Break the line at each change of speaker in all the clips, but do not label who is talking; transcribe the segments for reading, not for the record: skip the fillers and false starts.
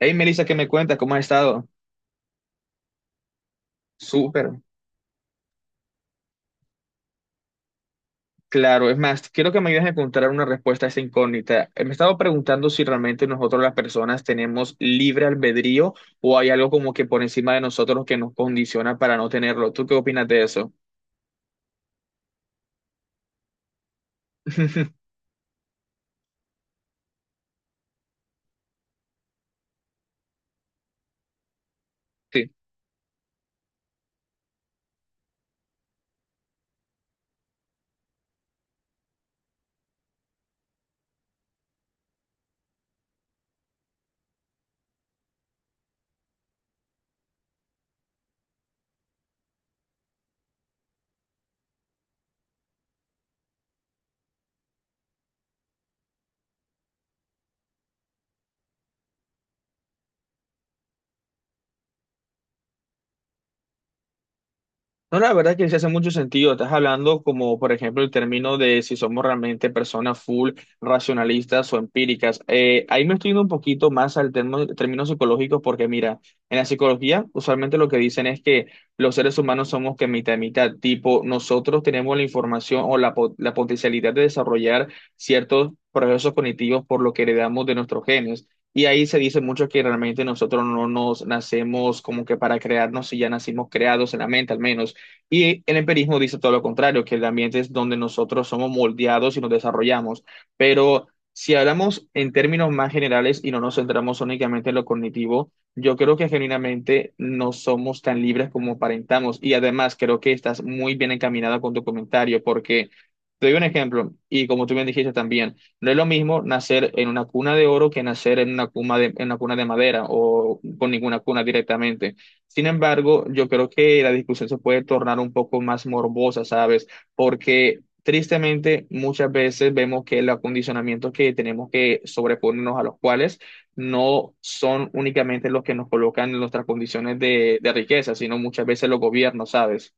Hey, Melissa, ¿qué me cuentas? ¿Cómo has estado? Súper, claro. Es más, quiero que me ayudes a encontrar una respuesta a esta incógnita. Me he estado preguntando si realmente nosotros las personas tenemos libre albedrío o hay algo como que por encima de nosotros que nos condiciona para no tenerlo. ¿Tú qué opinas de eso? Sí. No, la verdad que sí hace mucho sentido. Estás hablando como, por ejemplo, el término de si somos realmente personas full racionalistas o empíricas. Ahí me estoy yendo un poquito más al término psicológico porque, mira, en la psicología usualmente lo que dicen es que los seres humanos somos que mitad y mitad, tipo, nosotros tenemos la información o la potencialidad de desarrollar ciertos procesos cognitivos por lo que heredamos de nuestros genes. Y ahí se dice mucho que realmente nosotros no nos nacemos como que para crearnos, si ya nacimos creados en la mente al menos, y el empirismo dice todo lo contrario, que el ambiente es donde nosotros somos moldeados y nos desarrollamos. Pero si hablamos en términos más generales y no nos centramos únicamente en lo cognitivo, yo creo que genuinamente no somos tan libres como aparentamos. Y además creo que estás muy bien encaminada con tu comentario porque... Te doy un ejemplo, y como tú bien dijiste también, no es lo mismo nacer en una cuna de oro que nacer en en una cuna de madera o con ninguna cuna directamente. Sin embargo, yo creo que la discusión se puede tornar un poco más morbosa, ¿sabes? Porque tristemente muchas veces vemos que los acondicionamientos que tenemos que sobreponernos a los cuales no son únicamente los que nos colocan en nuestras condiciones de riqueza, sino muchas veces los gobiernos, ¿sabes?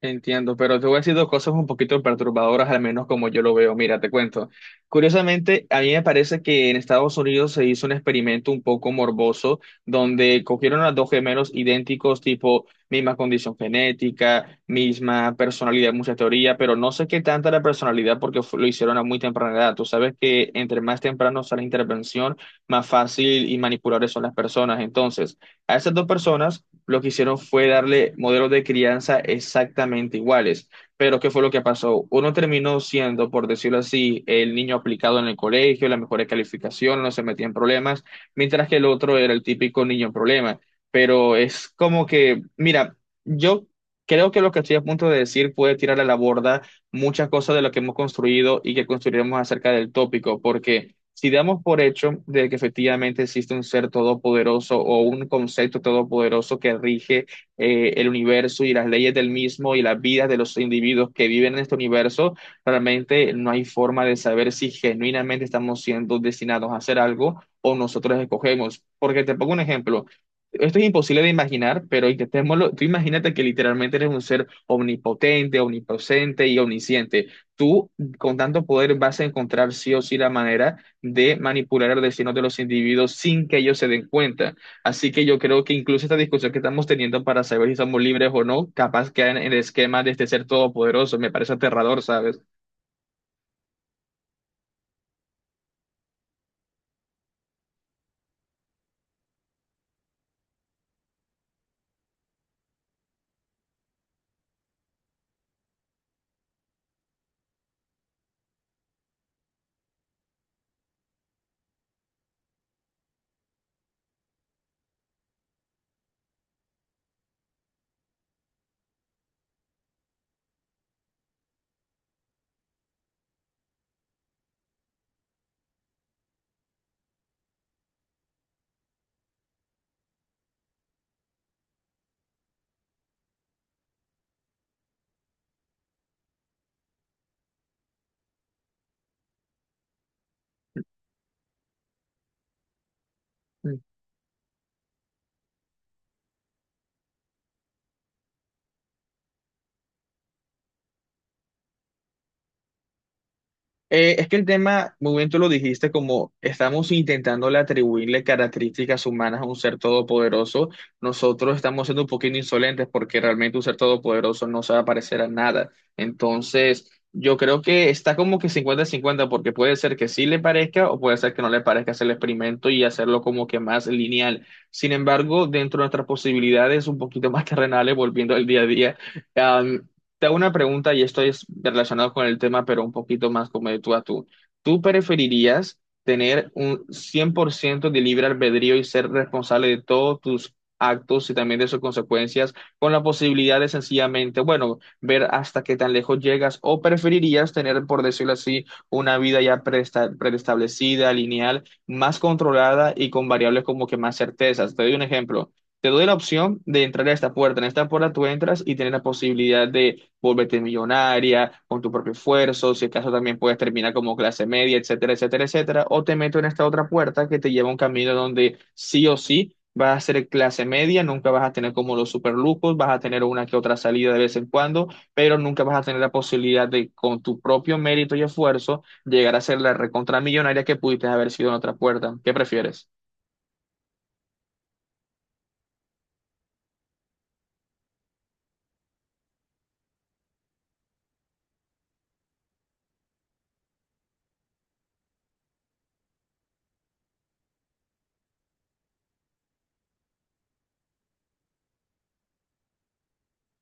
Entiendo, pero te voy a decir dos cosas un poquito perturbadoras, al menos como yo lo veo. Mira, te cuento. Curiosamente, a mí me parece que en Estados Unidos se hizo un experimento un poco morboso, donde cogieron a dos gemelos idénticos, tipo misma condición genética, misma personalidad, mucha teoría, pero no sé qué tanta la personalidad porque lo hicieron a muy temprana edad. Tú sabes que entre más temprano sea la intervención, más fácil y manipulables son las personas. Entonces, a esas dos personas lo que hicieron fue darle modelos de crianza exactamente iguales. Pero ¿qué fue lo que pasó? Uno terminó siendo, por decirlo así, el niño aplicado en el colegio, la mejor calificación, no se metía en problemas, mientras que el otro era el típico niño en problema. Pero es como que, mira, yo creo que lo que estoy a punto de decir puede tirar a la borda muchas cosas de lo que hemos construido y que construiremos acerca del tópico, porque si damos por hecho de que efectivamente existe un ser todopoderoso o un concepto todopoderoso que rige el universo y las leyes del mismo y las vidas de los individuos que viven en este universo, realmente no hay forma de saber si genuinamente estamos siendo destinados a hacer algo o nosotros escogemos. Porque te pongo un ejemplo. Esto es imposible de imaginar, pero intentémoslo. Tú imagínate que literalmente eres un ser omnipotente, omnipresente y omnisciente. Tú, con tanto poder, vas a encontrar sí o sí la manera de manipular el destino de los individuos sin que ellos se den cuenta. Así que yo creo que incluso esta discusión que estamos teniendo para saber si somos libres o no, capaz queda en el esquema de este ser todopoderoso. Me parece aterrador, ¿sabes? Es que el tema, muy bien tú lo dijiste, como estamos intentando atribuirle características humanas a un ser todopoderoso, nosotros estamos siendo un poquito insolentes porque realmente un ser todopoderoso no se va a parecer a nada. Entonces, yo creo que está como que cincuenta-cincuenta porque puede ser que sí le parezca o puede ser que no le parezca hacer el experimento y hacerlo como que más lineal. Sin embargo, dentro de nuestras posibilidades un poquito más terrenales, volviendo al día a día. Te hago una pregunta y esto es relacionado con el tema, pero un poquito más como de tú a tú. ¿Tú preferirías tener un 100% de libre albedrío y ser responsable de todos tus actos y también de sus consecuencias con la posibilidad de sencillamente, bueno, ver hasta qué tan lejos llegas? ¿O preferirías tener, por decirlo así, una vida ya preestablecida, lineal, más controlada y con variables como que más certezas? Te doy un ejemplo. Te doy la opción de entrar a esta puerta. En esta puerta tú entras y tienes la posibilidad de volverte millonaria con tu propio esfuerzo, si acaso también puedes terminar como clase media, etcétera, etcétera, etcétera, o te meto en esta otra puerta que te lleva a un camino donde sí o sí vas a ser clase media, nunca vas a tener como los superlujos, vas a tener una que otra salida de vez en cuando, pero nunca vas a tener la posibilidad de con tu propio mérito y esfuerzo llegar a ser la recontra millonaria que pudiste haber sido en otra puerta. ¿Qué prefieres?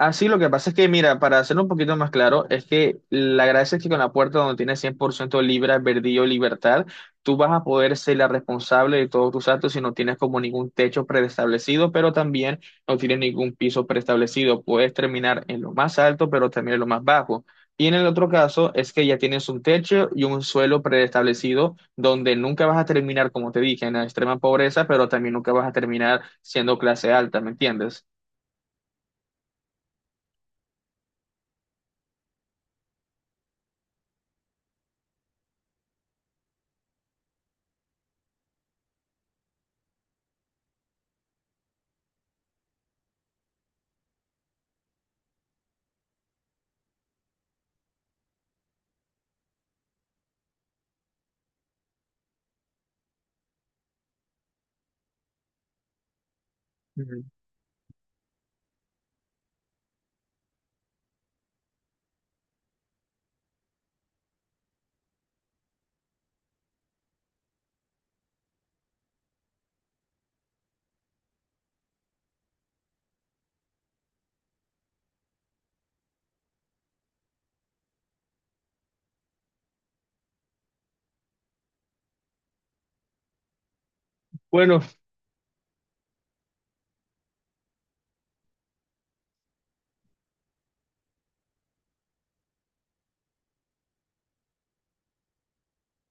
Así lo que pasa es que, mira, para hacerlo un poquito más claro, es que la gracia es que con la puerta donde tienes 100% Libra, Verdillo, Libertad, tú vas a poder ser la responsable de todos tus actos si no tienes como ningún techo preestablecido, pero también no tienes ningún piso preestablecido. Puedes terminar en lo más alto, pero también en lo más bajo. Y en el otro caso es que ya tienes un techo y un suelo preestablecido donde nunca vas a terminar, como te dije, en la extrema pobreza, pero también nunca vas a terminar siendo clase alta, ¿me entiendes? Ujú. Bueno,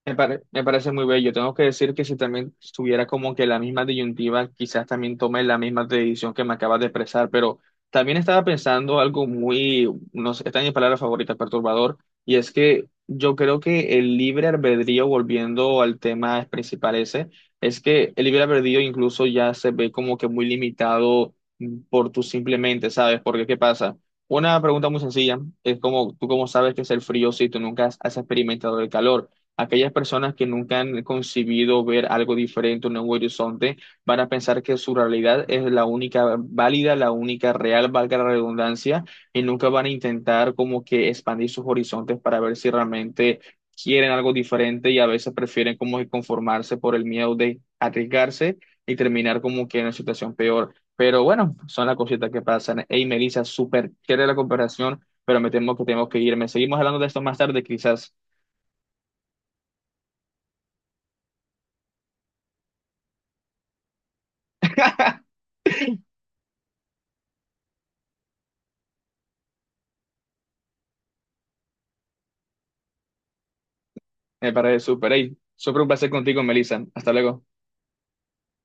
Me parece muy bello. Tengo que decir que si también estuviera como que la misma disyuntiva, quizás también tome la misma decisión que me acabas de expresar, pero también estaba pensando algo muy, no sé, está en mi palabra favorita, perturbador, y es que yo creo que el libre albedrío, volviendo al tema principal ese, es que el libre albedrío incluso ya se ve como que muy limitado por tu simplemente, ¿sabes? Porque ¿qué pasa? Una pregunta muy sencilla, es como, ¿tú cómo sabes qué es el frío si tú nunca has experimentado el calor? Aquellas personas que nunca han concebido ver algo diferente, un nuevo horizonte, van a pensar que su realidad es la única válida, la única real, valga la redundancia, y nunca van a intentar como que expandir sus horizontes para ver si realmente quieren algo diferente y a veces prefieren como que conformarse por el miedo de arriesgarse y terminar como que en una situación peor. Pero bueno, son las cositas que pasan. Hey, Melissa, súper chévere la comparación, pero me temo que tenemos que irme. Seguimos hablando de esto más tarde, quizás. Me parece súper. Hey, súper un placer contigo, Melissa. Hasta luego.